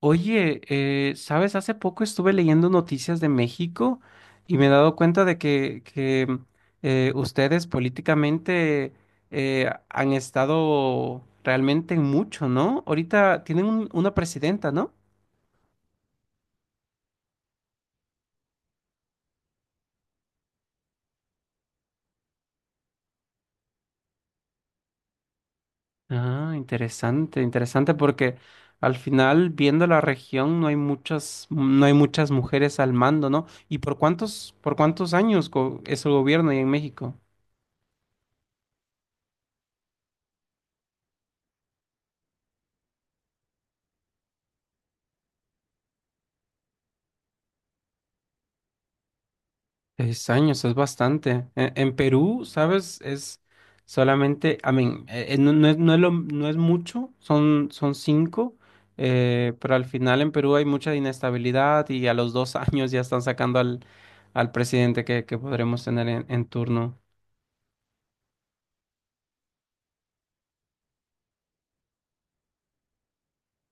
Oye, ¿sabes? Hace poco estuve leyendo noticias de México y me he dado cuenta de que ustedes políticamente han estado realmente en mucho, ¿no? Ahorita tienen una presidenta, ¿no? Ah, interesante, interesante, porque al final, viendo la región, no hay muchas, no hay muchas mujeres al mando, ¿no? ¿Y por cuántos años es el gobierno ahí en México? Seis años, es bastante. En Perú, ¿sabes? Es solamente, a mí, no es, no es mucho, son 5, pero al final en Perú hay mucha inestabilidad y a los 2 años ya están sacando al, al presidente que podremos tener en turno.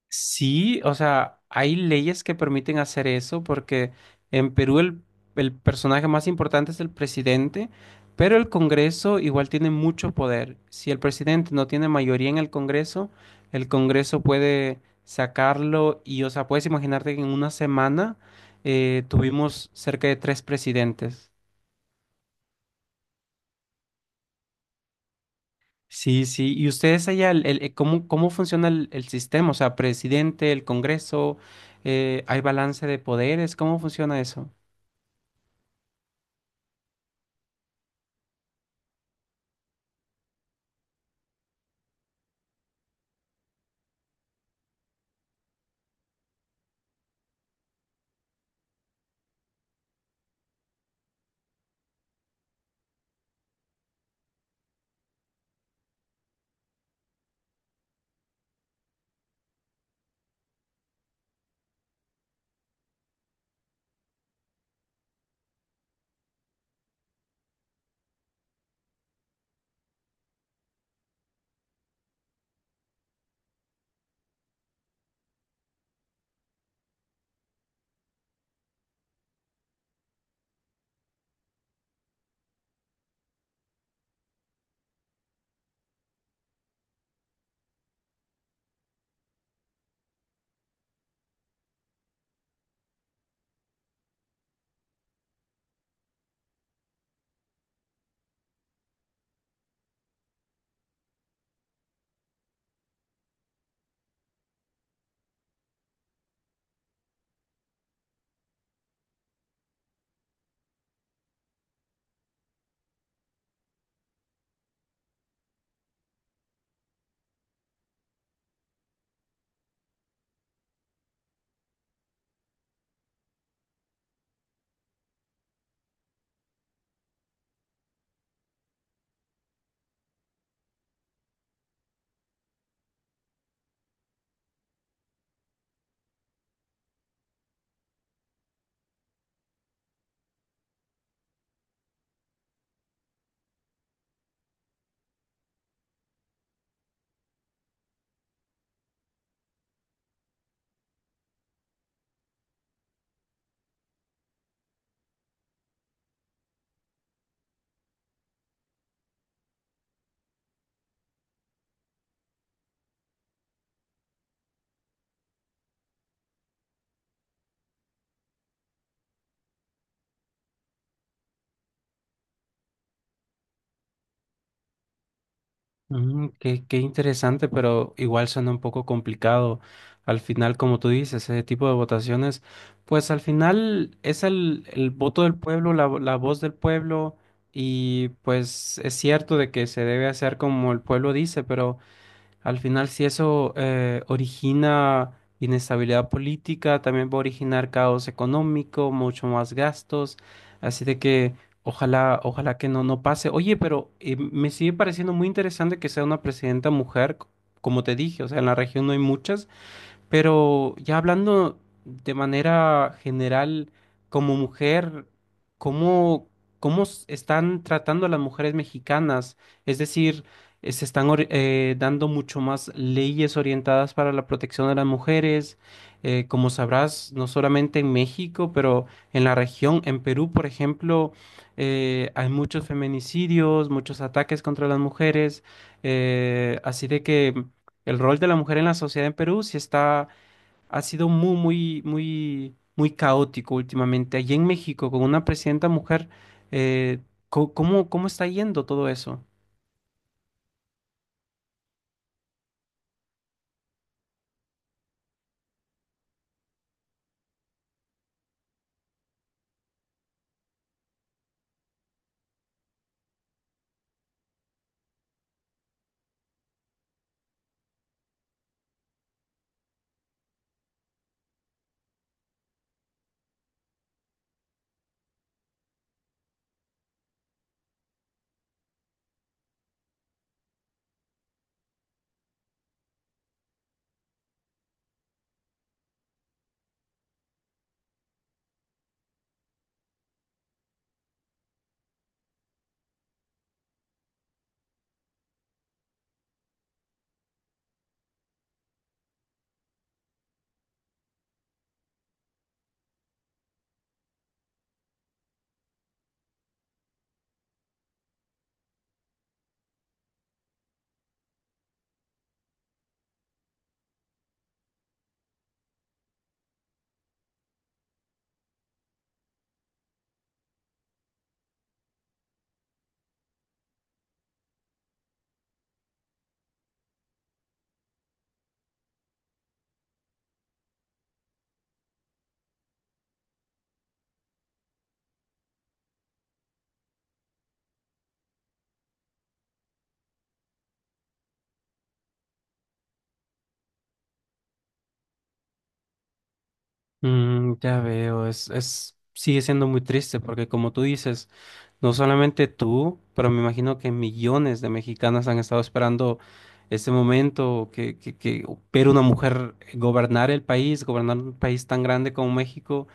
Sí, o sea, hay leyes que permiten hacer eso porque en Perú el personaje más importante es el presidente, pero el Congreso igual tiene mucho poder. Si el presidente no tiene mayoría en el Congreso puede sacarlo y, o sea, puedes imaginarte que en una semana tuvimos cerca de 3 presidentes. Sí, sí. ¿Y ustedes allá, el, cómo, cómo funciona el sistema? O sea, presidente, el Congreso, ¿hay balance de poderes? ¿Cómo funciona eso? Mm, qué, qué interesante, pero igual suena un poco complicado. Al final, como tú dices, ese tipo de votaciones, pues al final es el voto del pueblo, la voz del pueblo, y pues es cierto de que se debe hacer como el pueblo dice, pero... Al final, si eso origina inestabilidad política, también va a originar caos económico, mucho más gastos. Así de que ojalá, ojalá que no, no pase. Oye, pero me sigue pareciendo muy interesante que sea una presidenta mujer, como te dije, o sea, en la región no hay muchas. Pero ya hablando de manera general, como mujer, ¿cómo, están tratando a las mujeres mexicanas? Es decir, se están dando mucho más leyes orientadas para la protección de las mujeres. Como sabrás, no solamente en México, pero en la región, en Perú, por ejemplo, hay muchos feminicidios, muchos ataques contra las mujeres. Así de que el rol de la mujer en la sociedad en Perú sí está ha sido muy, muy, muy, muy caótico últimamente. Allí en México, con una presidenta mujer, eh, ¿cómo, cómo está yendo todo eso? Mm, ya veo, es, sigue siendo muy triste porque como tú dices, no solamente tú, pero me imagino que millones de mexicanas han estado esperando este momento que ver una mujer gobernar el país, gobernar un país tan grande como México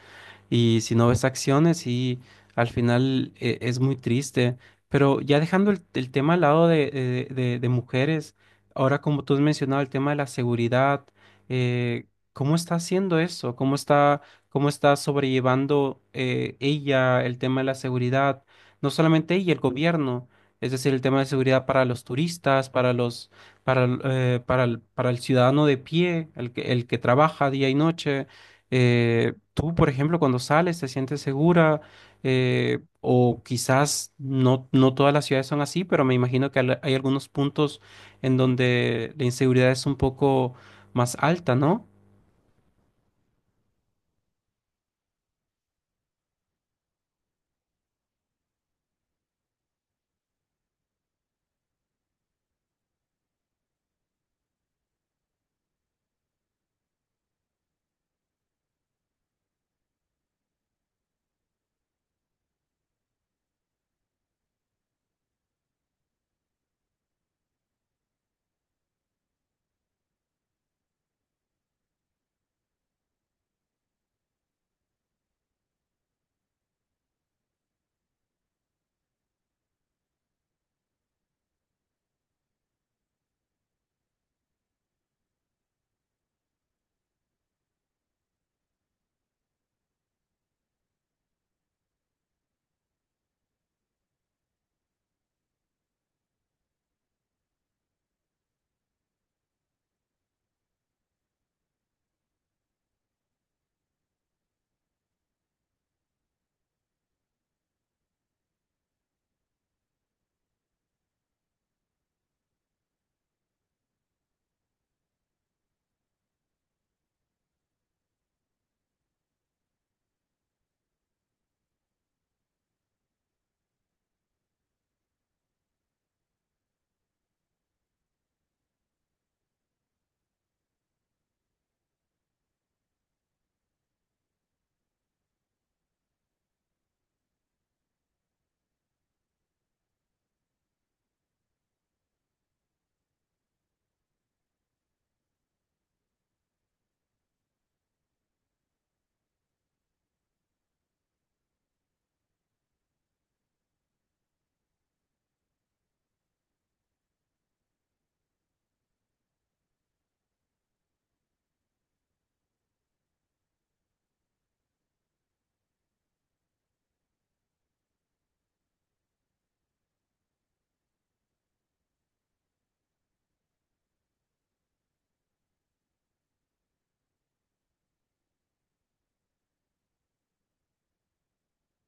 y si no ves acciones y al final es muy triste. Pero ya dejando el tema al lado de mujeres, ahora como tú has mencionado el tema de la seguridad, eh, ¿cómo está haciendo eso? Cómo está sobrellevando ella el tema de la seguridad? No solamente ella, el gobierno, es decir, el tema de seguridad para los turistas, para para el ciudadano de pie, el que trabaja día y noche. Tú, por ejemplo, cuando sales te sientes segura. O quizás no, no todas las ciudades son así, pero me imagino que hay algunos puntos en donde la inseguridad es un poco más alta, ¿no?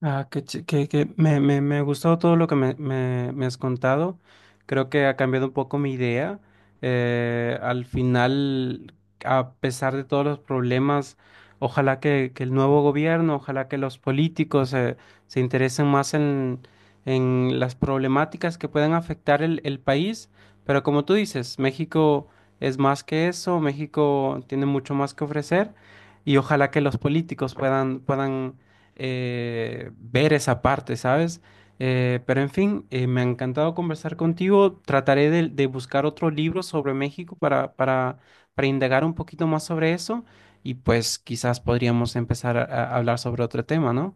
Ah, que, me, me ha gustado todo lo que me, me has contado. Creo que ha cambiado un poco mi idea. Al final, a pesar de todos los problemas, ojalá que el nuevo gobierno, ojalá que los políticos se interesen más en las problemáticas que puedan afectar el país. Pero como tú dices, México es más que eso, México tiene mucho más que ofrecer y ojalá que los políticos puedan, puedan ver esa parte, ¿sabes? Pero en fin, me ha encantado conversar contigo. Trataré de buscar otro libro sobre México para indagar un poquito más sobre eso y pues quizás podríamos empezar a hablar sobre otro tema, ¿no?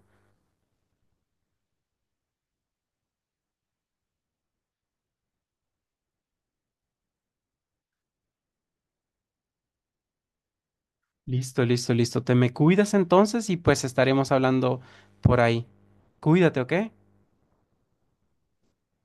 Listo, listo, listo. Te me cuidas entonces y pues estaremos hablando por ahí. Cuídate, ¿ok?